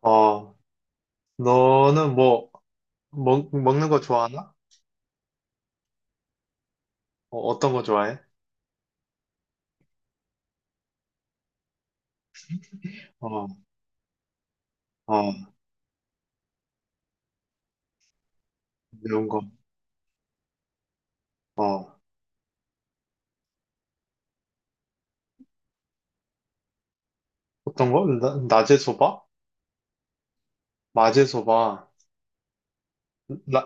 어, 너는 뭐, 먹는 거 좋아하나? 어, 떤거 좋아해? 어, 어, 매운 거. 어, 어떤 거? 낮에 소바? 마제 소바. 나,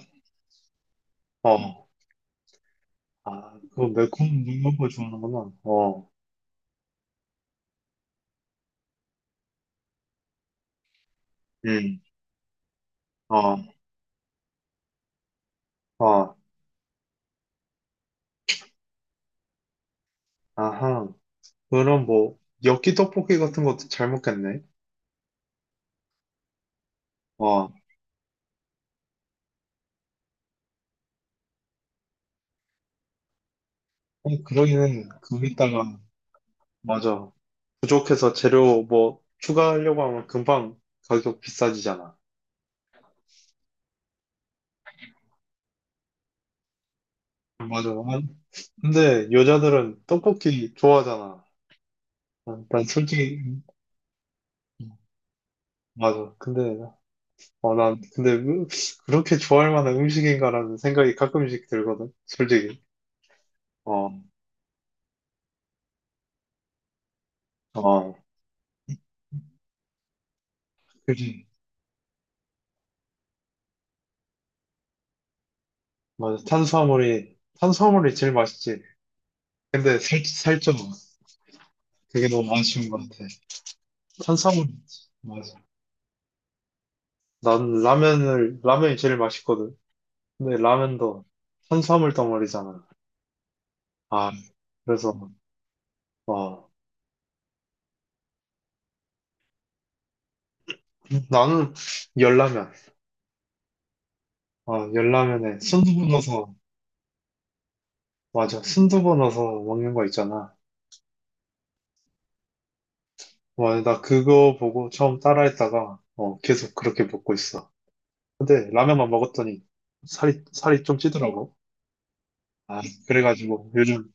어, 아, 그거 매콤 매운 거 좋아하는구나. 어, 음, 어, 어, 아하. 그럼 뭐, 엽기 떡볶이 같은 것도 잘 먹겠네. 어, 어, 그러기는 거기다가, 맞아. 부족해서 재료 뭐, 추가하려고 하면 금방 가격 비싸지잖아. 맞아. 근데 여자들은 떡볶이 좋아하잖아. 난 솔직히 음, 맞아. 근데 어, 난 근데 그렇게 좋아할 만한 음식인가라는 생각이 가끔씩 들거든. 솔직히. 어, 어, 그지. 맞아. 탄수화물이 제일 맛있지. 근데 살 살쪄. 그게 너무 아쉬운 것 같아. 탄수화물 맞아. 난 라면을 라면이 제일 맛있거든. 근데 라면도 탄수화물 덩어리잖아. 아, 그래서 어, 나는 열라면. 아, 열라면에 순두부 넣어서, 맞아. 순두부 넣어서 먹는 거 있잖아. 와, 나 그거 보고 처음 따라했다가, 어, 계속 그렇게 먹고 있어. 근데 라면만 먹었더니 살이 좀 찌더라고. 아, 그래가지고 요즘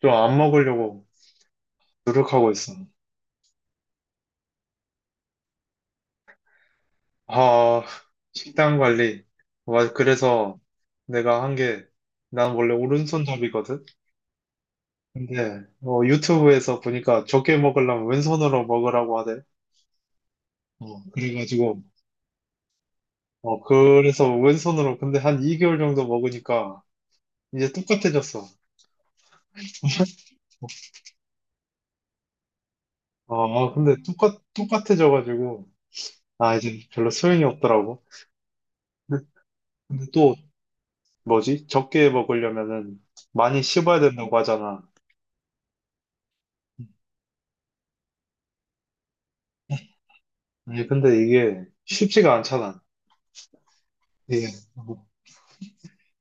좀 안 먹으려고 노력하고 있어. 아, 식단 관리. 와, 그래서 내가 한 게, 난 원래 오른손잡이거든? 근데, 어, 유튜브에서 보니까 적게 먹으려면 왼손으로 먹으라고 하대. 어, 그래가지고, 어, 그래서 왼손으로 근데 한 2개월 정도 먹으니까 이제 똑같아졌어. 어, 어, 근데 똑같아져가지고, 아, 이제 별로 소용이 없더라고. 근데, 근데 또, 뭐지? 적게 먹으려면은 많이 씹어야 된다고 하잖아. 아니, 근데 이게 쉽지가 않잖아. 이게. 어,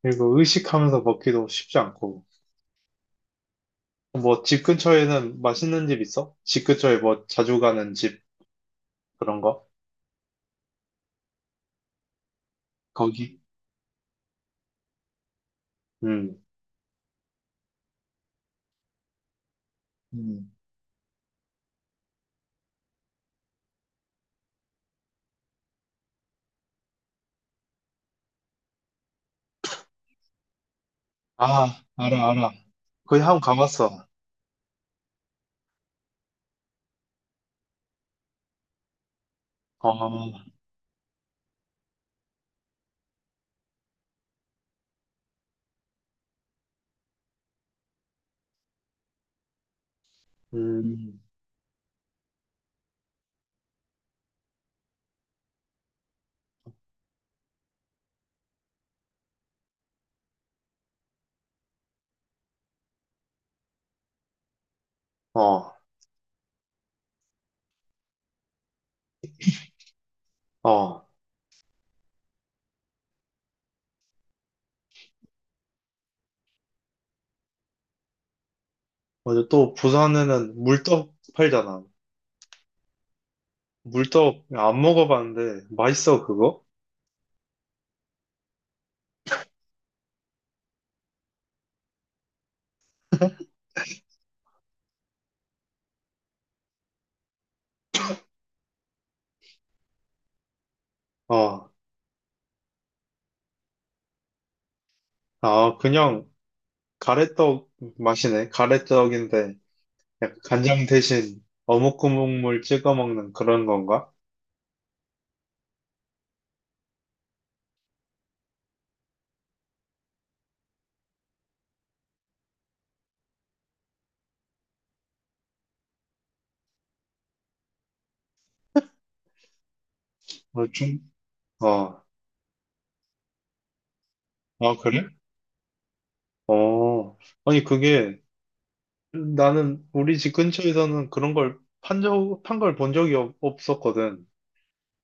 그리고 의식하면서 먹기도 쉽지 않고. 뭐, 집 근처에는 맛있는 집 있어? 집 근처에 뭐, 자주 가는 집, 그런 거? 거기? 음. 음. 아, 알아. 거기 한번 가봤어. 아, 음, 어, 어. 맞아. 또 부산에는 물떡 팔잖아. 물떡 안 먹어봤는데 맛있어 그거? 어, 아 그냥 가래떡 맛이네. 가래떡인데 약간 간장 대신 어묵 국물 찍어 먹는 그런 건가? 어, 좀, 어, 아 그래? 어, 아니 그게 나는 우리 집 근처에서는 그런 걸 판 걸 본 적이 없었거든.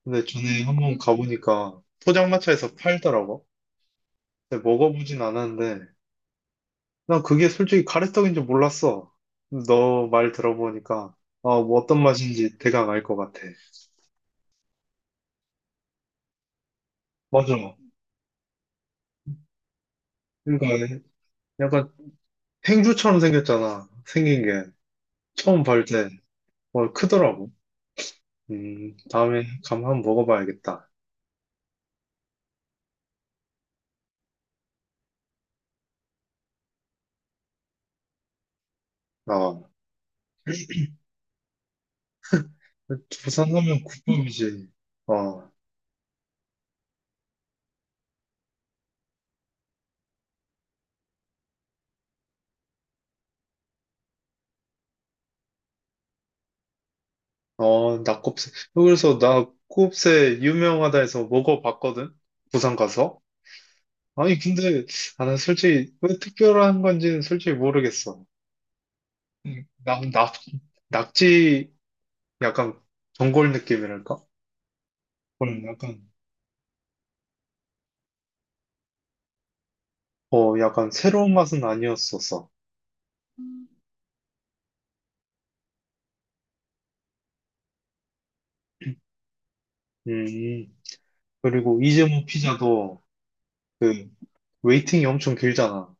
근데 전에 한번 가보니까 포장마차에서 팔더라고. 근데 먹어보진 않았는데, 난 그게 솔직히 가래떡인 줄 몰랐어. 너 말 들어보니까, 아, 뭐 어떤 맛인지 대강 알 것 같아. 맞아. 그러니까 약간 행주처럼 생겼잖아. 생긴 게. 처음 볼 때, 어, 크더라고. 다음에 감 한번 먹어봐야겠다. 어, 부산 하면 국밥이지. 어. 어, 낙곱새. 그래서 낙곱새 유명하다 해서 먹어봤거든? 부산 가서. 아니, 근데, 아, 난 솔직히, 왜 특별한 건지는 솔직히 모르겠어. 음, 낙, 낙, 낙지, 약간, 전골 느낌이랄까? 그런 약간, 어, 약간 새로운 맛은 아니었었어. 음, 그리고 이재모 피자도, 그, 웨이팅이 엄청 길잖아.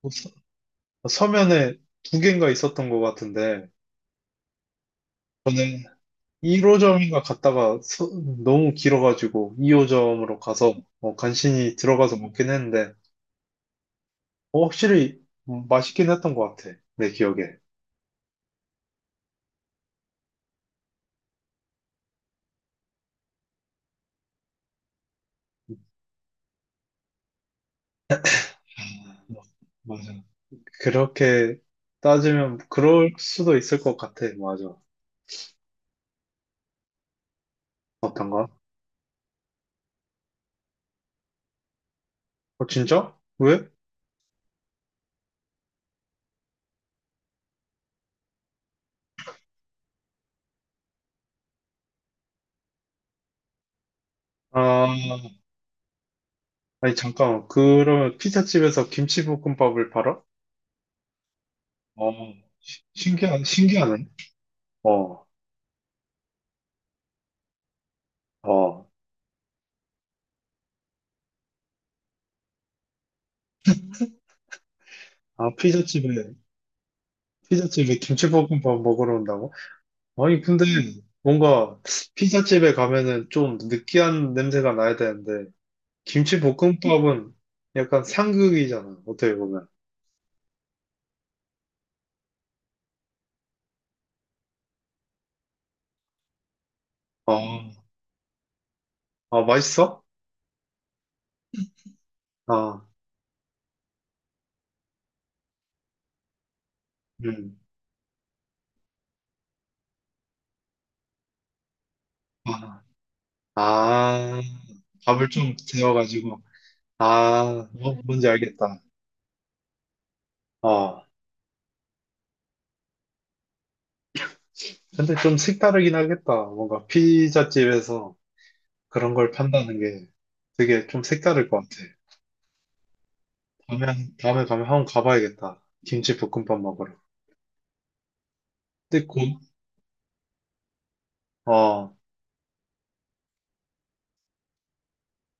뭐 서, 서면에 두 개인가 있었던 것 같은데, 저는 1호점인가 갔다가 너무 길어가지고 2호점으로 가서 어, 간신히 들어가서 먹긴 했는데 어, 확실히 맛있긴 했던 것 같아. 내 기억에. 아, 뭐, 맞아. 그렇게 따지면 그럴 수도 있을 것 같아. 맞아. 어떤가? 어, 진짜? 왜? 아, 아니, 잠깐만. 그러면 피자집에서 김치볶음밥을 팔아? 어, 신기하네. 어, 어. 아, 피자집에 김치볶음밥 먹으러 온다고? 아니, 근데 뭔가 피자집에 가면은 좀 느끼한 냄새가 나야 되는데, 김치볶음밥은 약간 상극이잖아, 어떻게 보면. 아, 아, 맛있어? 아, 음. 아, 아, 밥을 좀 재워가지고. 아, 뭐, 뭔지 알겠다. 아, 근데 좀 색다르긴 하겠다. 뭔가 피자집에서 그런 걸 판다는 게 되게 좀 색다를 것 같아. 다음에, 다음에 가면 한번 가봐야겠다. 김치볶음밥 먹으러. 근데 고, 어.